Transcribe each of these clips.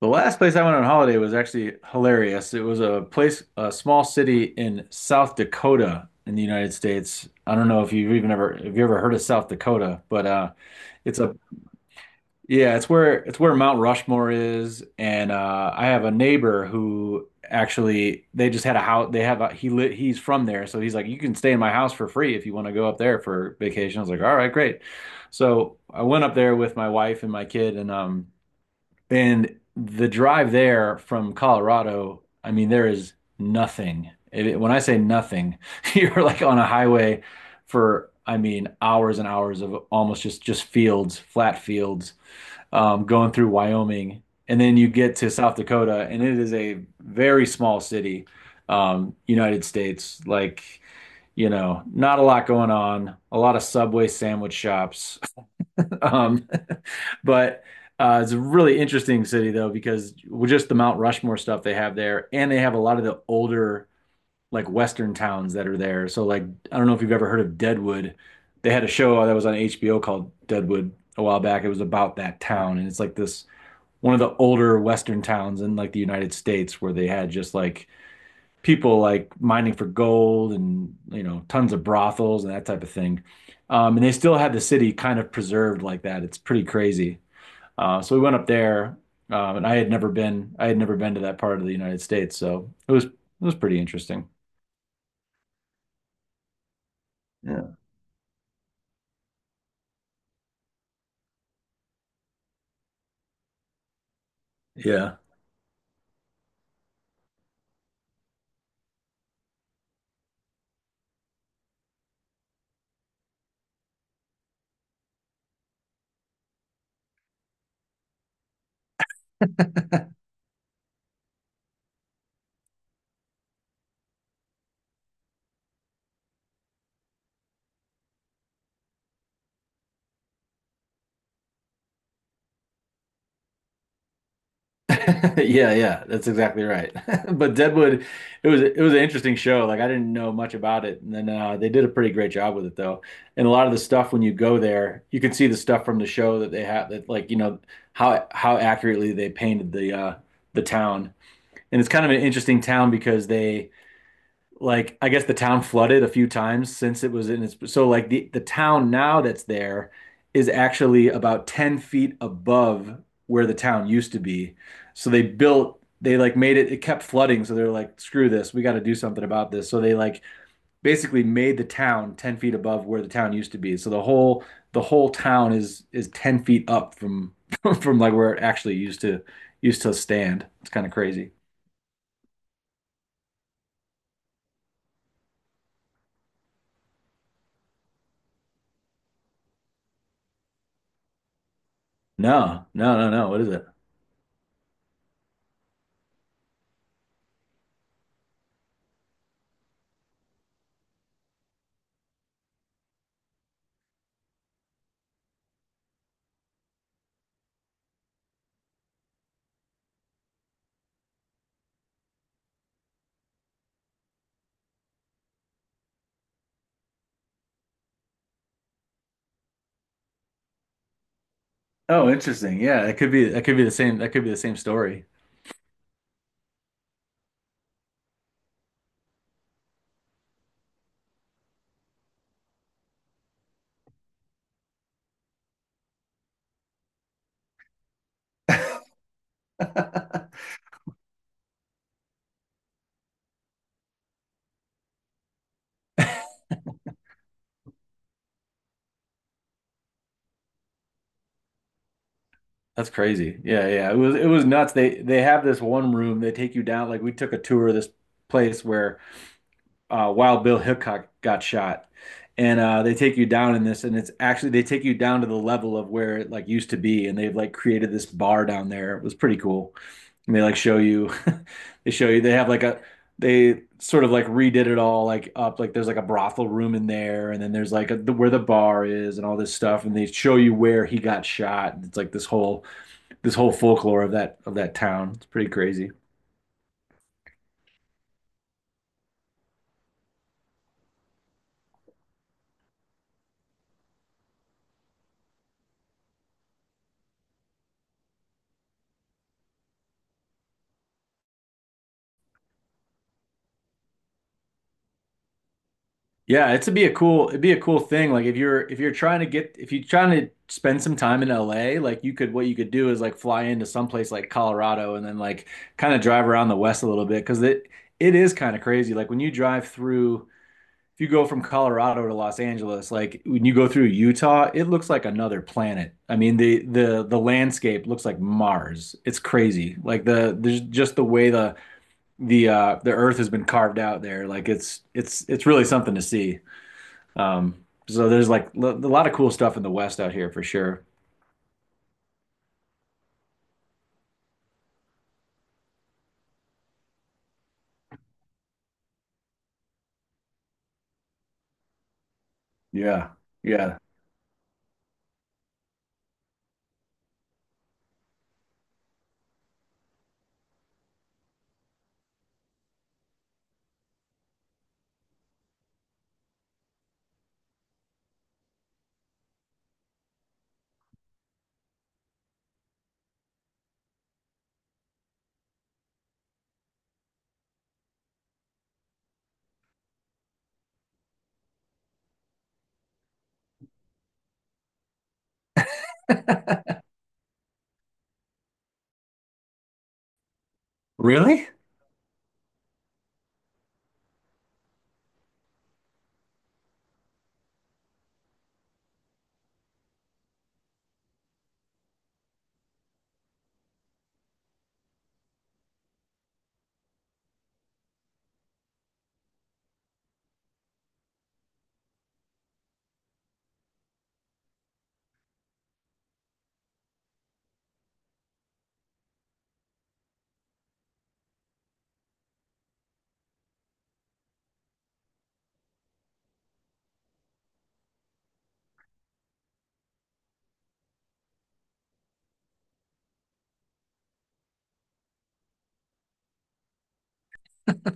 The last place I went on holiday was actually hilarious. It was a place, a small city in South Dakota in the United States. I don't know if you ever heard of South Dakota, but it's a, yeah, it's where Mount Rushmore is. And I have a neighbor who actually they just had a house. They have a, he lit, He's from there, so he's like, you can stay in my house for free if you want to go up there for vacation. I was like, all right, great. So I went up there with my wife and my kid. And the drive there from Colorado, I mean, there is nothing. When I say nothing, you're like on a highway for, I mean, hours and hours of almost just fields, flat fields, going through Wyoming, and then you get to South Dakota, and it is a very small city, United States, like you know, not a lot going on, a lot of Subway sandwich shops, um, but it's a really interesting city though because just the Mount Rushmore stuff they have there, and they have a lot of the older like Western towns that are there. So like I don't know if you've ever heard of Deadwood. They had a show that was on HBO called Deadwood a while back. It was about that town, and it's like this one of the older Western towns in like the United States where they had just like people like mining for gold and you know tons of brothels and that type of thing. And they still had the city kind of preserved like that. It's pretty crazy. So we went up there, and I had never been to that part of the United States, so it was pretty interesting. Yeah. Yeah. Yeah, yeah, that's exactly right. But Deadwood, it was an interesting show. Like I didn't know much about it, and then they did a pretty great job with it though. And a lot of the stuff when you go there, you can see the stuff from the show that they have that like you know how accurately they painted the town. And it's kind of an interesting town because they like I guess the town flooded a few times since it was in its so like the town now that's there is actually about 10 feet above where the town used to be. So they built they like made it it kept flooding, so they're like, screw this, we got to do something about this, so they like basically made the town 10 feet above where the town used to be, so the whole town is 10 feet up from from like where it actually used to stand. It's kind of crazy. No, no, no, no, what is it? Oh, interesting. Yeah, it could be that could be the same that could be the same story. That's crazy. Yeah, yeah. It was nuts. They have this one room. They take you down. Like we took a tour of this place where Wild Bill Hickok got shot, and they take you down in this, and it's actually they take you down to the level of where it like used to be, and they've like created this bar down there. It was pretty cool. And they like show you, they show you, they have they sort of like redid it all like up. Like there's like a brothel room in there, and then there's where the bar is and all this stuff. And they show you where he got shot. And it's like this whole folklore of of that town. It's pretty crazy. Yeah, it'd be a cool thing. Like if you're trying to get, if you're trying to spend some time in LA, like you could, what you could do is like fly into someplace like Colorado and then like kind of drive around the West a little bit it is kind of crazy. Like when you drive through, If you go from Colorado to Los Angeles, like when you go through Utah, it looks like another planet. I mean, the landscape looks like Mars. It's crazy. Like the there's just the way the earth has been carved out there. Like it's really something to see. So there's like a lot of cool stuff in the West out here for sure. Yeah. Yeah. Really?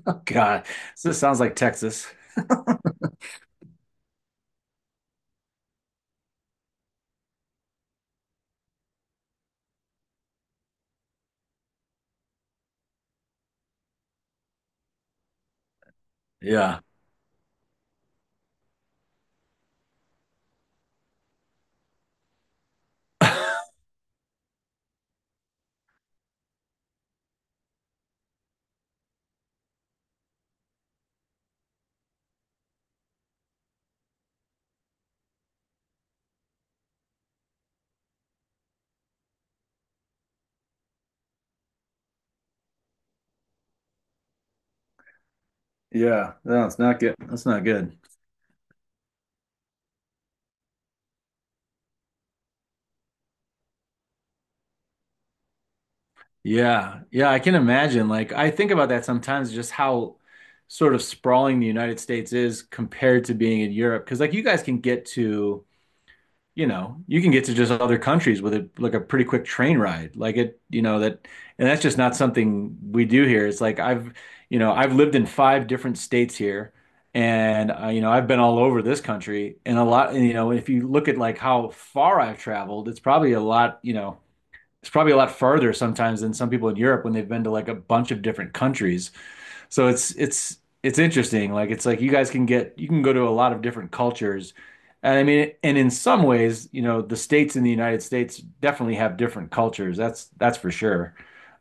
Oh, God. This sounds like Texas. Yeah. Yeah. No, it's not good. That's not good. Yeah, yeah, I can imagine. Like, I think about that sometimes, just how sort of sprawling the United States is compared to being in Europe. Because, like, you guys can get to, you know, you can get to just other countries with a like a pretty quick train ride. Like it, you know, that, and that's just not something we do here. You know, I've lived in five different states here, and you know, I've been all over this country, and, you know, if you look at like how far I've traveled, it's probably a lot, you know, it's probably a lot farther sometimes than some people in Europe when they've been to like a bunch of different countries. So it's interesting. Like it's like you can go to a lot of different cultures. And in some ways, you know, the states in the United States definitely have different cultures. That's for sure.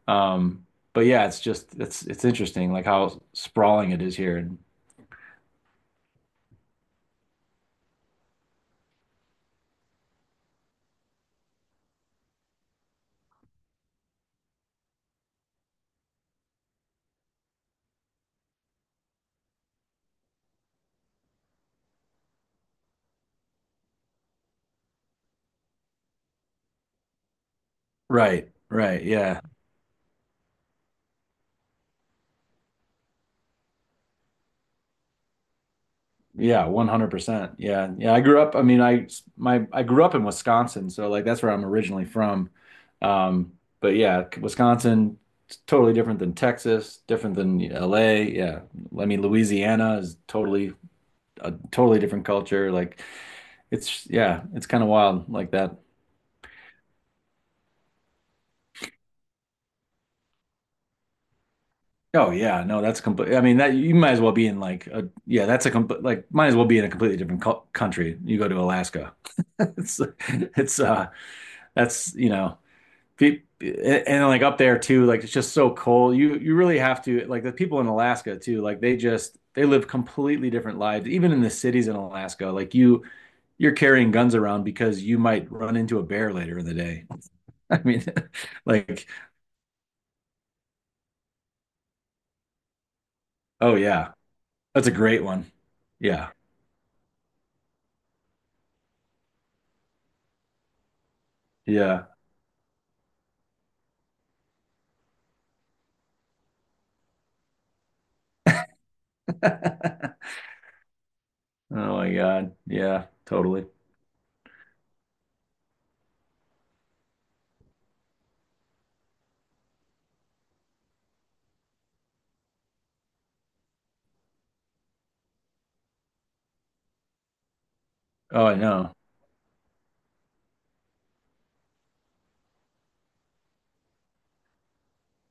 Um, but yeah, it's just it's interesting like how sprawling it is here. And right, right, yeah. Yeah, 100%. Yeah. Yeah, I grew up, I mean, I my I grew up in Wisconsin, so like that's where I'm originally from. Um, but yeah, Wisconsin it's totally different than Texas, different than LA. Yeah. I mean, Louisiana is totally a totally different culture. Like it's yeah, it's kind of wild like that. Oh yeah, no, that's complete. I mean, that you might as well be in like a yeah, that's a complete like might as well be in a completely different co country. You go to Alaska. It's it's that's you know Pe- and like up there too, like it's just so cold. You really have to like the people in Alaska too, like they live completely different lives. Even in the cities in Alaska, like you're carrying guns around because you might run into a bear later in the day. I mean, like, oh yeah, that's a great one. Yeah. Yeah. Oh my God. Yeah, totally. Oh, I know.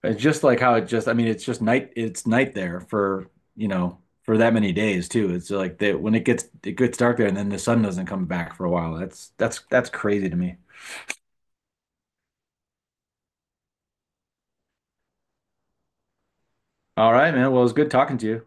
It's just I mean, it's just it's night there for, you know, for that many days too. It's like that when it gets dark there and then the sun doesn't come back for a while. That's crazy to me. All right, man. Well, it was good talking to you.